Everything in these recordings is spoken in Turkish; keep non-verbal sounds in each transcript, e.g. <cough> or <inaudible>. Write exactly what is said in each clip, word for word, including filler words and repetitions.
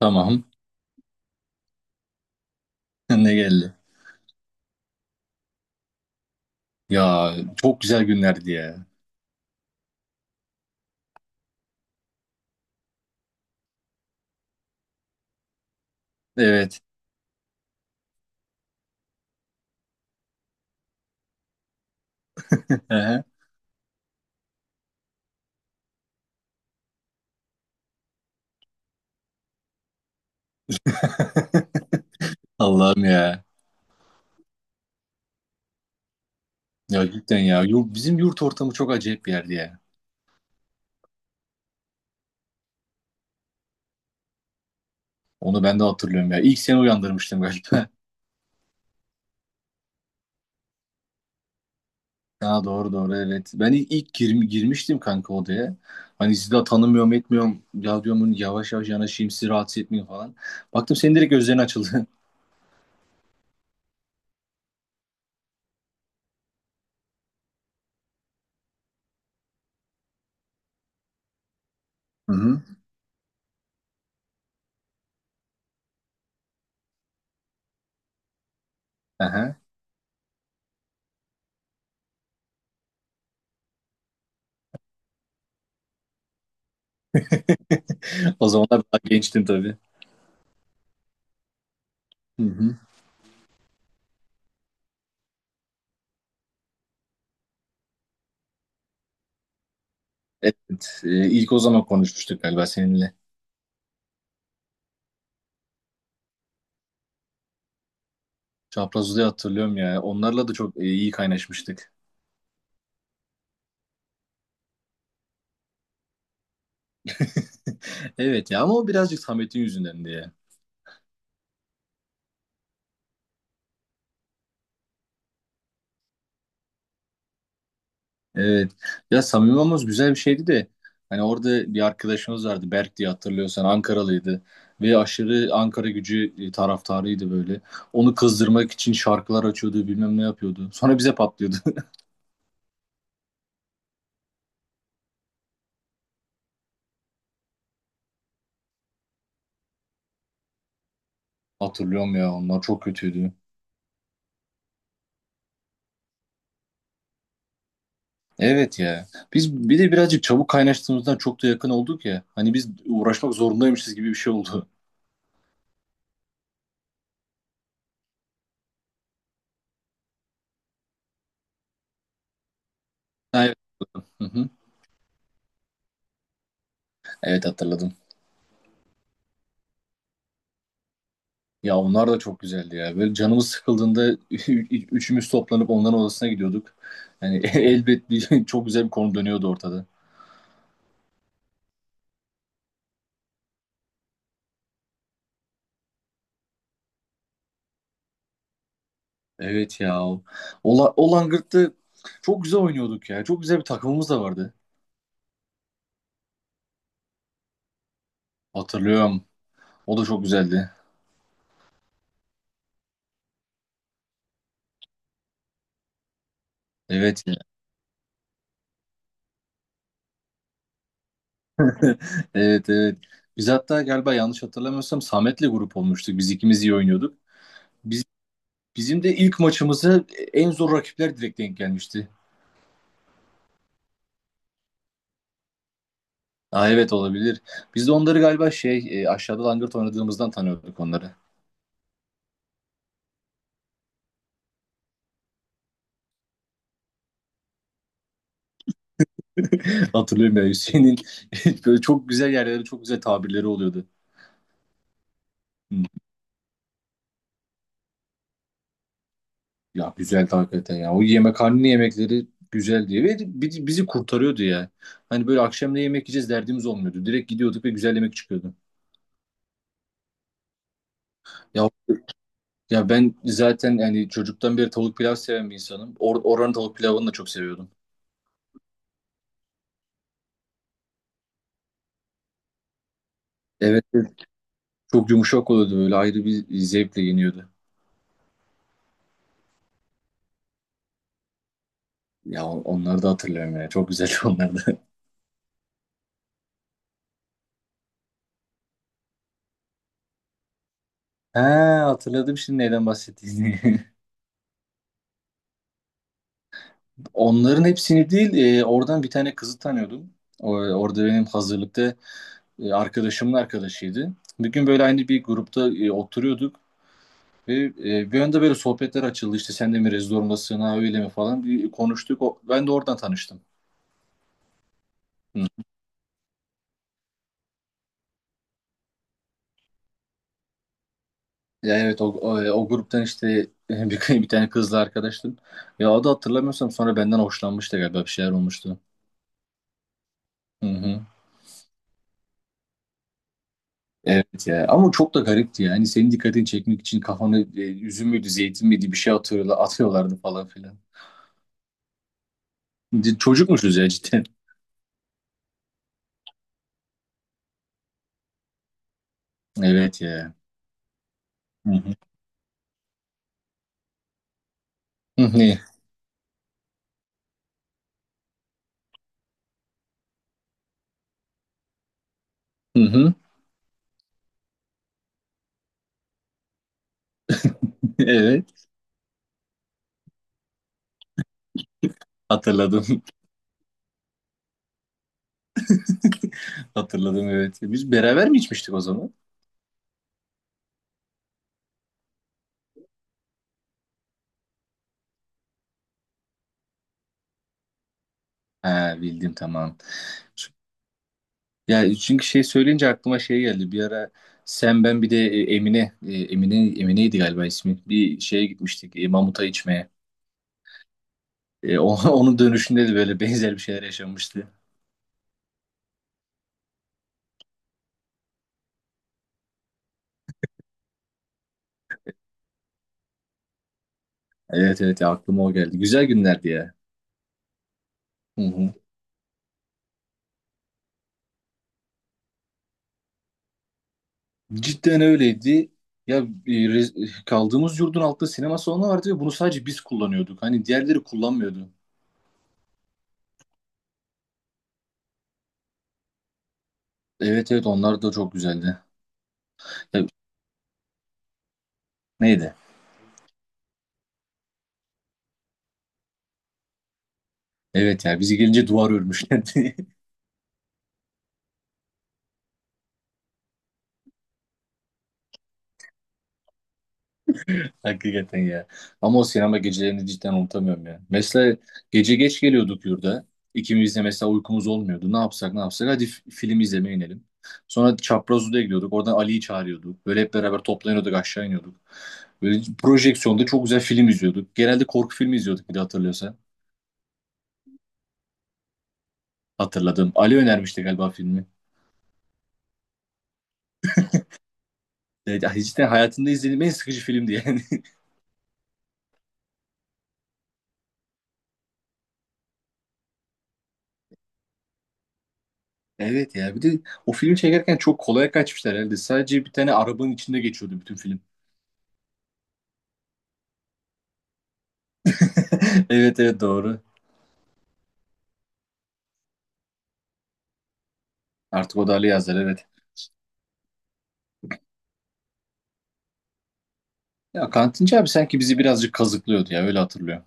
Tamam. <laughs> Ne geldi? Ya çok güzel günlerdi ya. Evet. <laughs> Ehe. Allah'ım ya. Ya cidden ya. Yur- Bizim yurt ortamı çok acayip bir yerdi ya. Onu ben de hatırlıyorum ya. İlk seni uyandırmıştım galiba. <laughs> Ha, doğru doğru, evet. Ben ilk, ilk gir- girmiştim kanka odaya. Hani sizi daha tanımıyorum etmiyorum. Ya diyorum hani yavaş yavaş yanaşayım, sizi rahatsız etmeyeyim falan. Baktım senin direkt gözlerin açıldı. <laughs> Hı hı. Aha. O zamanlar daha gençtim tabii. Hı hı. Evet. e, ilk o zaman konuşmuştuk galiba seninle. Çapraz Uzay'ı hatırlıyorum ya. Onlarla da çok e, iyi kaynaşmıştık. <laughs> Evet ya, ama o birazcık Samet'in yüzünden diye. Evet. Ya Samimi Mamos güzel bir şeydi de hani orada bir arkadaşımız vardı, Berk diye, hatırlıyorsan Ankaralıydı ve aşırı Ankara Gücü e, taraftarıydı böyle. Onu kızdırmak için şarkılar açıyordu, bilmem ne yapıyordu. Sonra bize patlıyordu. <laughs> Hatırlıyorum ya, onlar çok kötüydü. Evet ya. Biz bir de birazcık çabuk kaynaştığımızdan çok da yakın olduk ya. Hani biz uğraşmak zorundaymışız gibi bir şey oldu. <laughs> Evet. Hı hı. Evet, hatırladım. Ya onlar da çok güzeldi ya. Böyle canımız sıkıldığında <laughs> ü- üçümüz toplanıp onların odasına gidiyorduk. Yani <laughs> elbet bir çok güzel bir konu dönüyordu ortada. Evet ya. Ola, o Langırt'ta çok güzel oynuyorduk ya. Çok güzel bir takımımız da vardı. Hatırlıyorum. O da çok güzeldi. Evet. <laughs> Evet evet. Biz hatta galiba, yanlış hatırlamıyorsam, Samet'le grup olmuştuk. Biz ikimiz iyi oynuyorduk. Biz, Bizim de ilk maçımıza en zor rakipler direkt denk gelmişti. Aa, evet, olabilir. Biz de onları galiba şey e, aşağıda langırt oynadığımızdan tanıyorduk onları. <laughs> Hatırlıyorum ya Hüseyin'in <laughs> böyle çok güzel yerlere çok güzel tabirleri oluyordu. Hı. Ya güzel hakikaten ya. O yemekhane yemekleri güzel diye ve bi- bizi kurtarıyordu ya. Hani böyle akşam ne yemek yiyeceğiz derdimiz olmuyordu. Direkt gidiyorduk ve güzel yemek çıkıyordu. Ya ya, ben zaten yani çocuktan beri tavuk pilav seven bir insanım. Or oranın tavuk pilavını da çok seviyordum. Evet, evet. Çok yumuşak oluyordu, böyle ayrı bir zevkle yeniyordu. Ya on- onları da hatırlıyorum ya. Çok güzel <laughs> onları da. He, hatırladım şimdi neyden bahsettiğini. <laughs> Onların hepsini değil, e, oradan bir tane kızı tanıyordum. O, orada benim hazırlıkta e, arkadaşımın arkadaşıydı. Bir gün böyle aynı bir grupta e, oturuyorduk. Ve e, bir anda böyle sohbetler açıldı, işte sen de mi rezidor musun, ha öyle mi falan, bir konuştuk. O, ben de oradan tanıştım. Hı. Ya evet, o, o, o gruptan işte <laughs> bir, bir tane kızla arkadaştım. Ya o da, hatırlamıyorsam, sonra benden hoşlanmıştı galiba, bir şeyler olmuştu. Hı hı. Evet ya, ama çok da garipti yani. Senin dikkatini çekmek için kafanı e, üzüm müydü zeytin miydi bir şey atıyorlar, atıyorlardı falan filan. C- Çocukmuşuz ya cidden. Evet ya. Hı hı. Hı hı. Hı hı. <laughs> Evet, hatırladım. <laughs> Hatırladım, evet. Biz beraber mi içmiştik o zaman? Ha, bildim, tamam. Ya çünkü şey söyleyince aklıma şey geldi. Bir ara sen, ben bir de e, Emine e, Emine Emine'ydi galiba ismi. Bir şeye gitmiştik, e, mamuta içmeye. E, o- <laughs> onun dönüşünde de böyle benzer bir şeyler yaşanmıştı. Evet evet ya, aklıma o geldi. Güzel günlerdi ya. Hı hı. Cidden öyleydi. Ya e, re- kaldığımız yurdun altında sinema salonu vardı ve bunu sadece biz kullanıyorduk. Hani diğerleri kullanmıyordu. Evet evet, onlar da çok güzeldi. Ya, neydi? Evet ya, bizi gelince duvar örmüşlerdi. <laughs> Hakikaten ya. Ama o sinema gecelerini cidden unutamıyorum ya. Mesela gece geç geliyorduk yurda. İkimiz de mesela uykumuz olmuyordu. Ne yapsak ne yapsak, hadi f- film izlemeye inelim. Sonra Çapraz Oda'ya gidiyorduk. Oradan Ali'yi çağırıyorduk. Böyle hep beraber toplanıyorduk, aşağı iniyorduk. Böyle projeksiyonda çok güzel film izliyorduk. Genelde korku filmi izliyorduk, bir de hatırlıyorsan. Hatırladım. Ali önermişti galiba filmi. Evet, cidden hayatımda izlediğim en sıkıcı filmdi yani. <laughs> Evet ya, bir de o filmi çekerken çok kolay kaçmışlar herhalde. Sadece bir tane arabanın içinde geçiyordu bütün film. <laughs> Evet evet, doğru. Artık o da Ali Yazar, evet. Ya kantinci abi sanki bizi birazcık kazıklıyordu ya, öyle hatırlıyorum.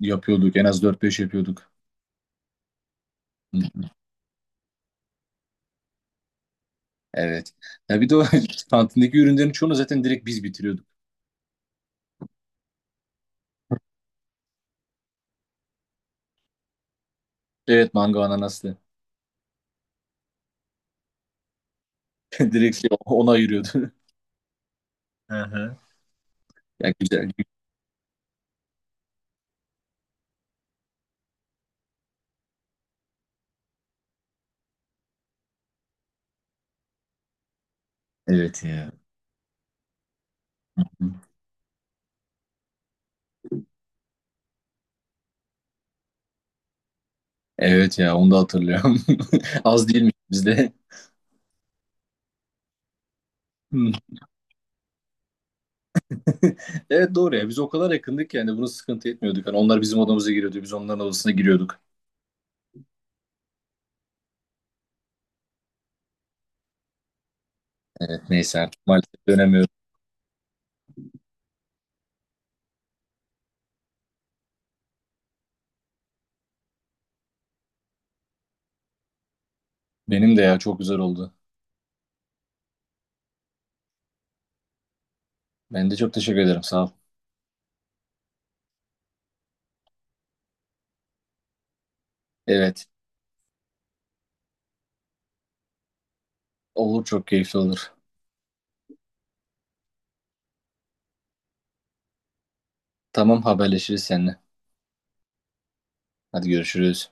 Yapıyorduk, en az dört beş yapıyorduk. Hı, evet. Ya bir de o <laughs> kantindeki ürünlerin çoğunu zaten direkt biz bitiriyorduk. Evet, mango ananaslı. <laughs> Direkt şey, ona ayırıyordu. Hı hı. Ya güzel. Evet ya. Evet ya, onu da hatırlıyorum. <laughs> Az değilmiş bizde. Hı. <laughs> Evet, doğru ya, biz o kadar yakındık ki yani bunu sıkıntı etmiyorduk. Hani onlar bizim odamıza giriyordu, biz onların odasına giriyorduk. Evet, neyse artık, maalesef dönemiyoruz. Benim de ya, çok güzel oldu. Ben de çok teşekkür ederim, sağ ol. Evet, olur, çok keyifli olur. Tamam, haberleşiriz seninle. Hadi görüşürüz.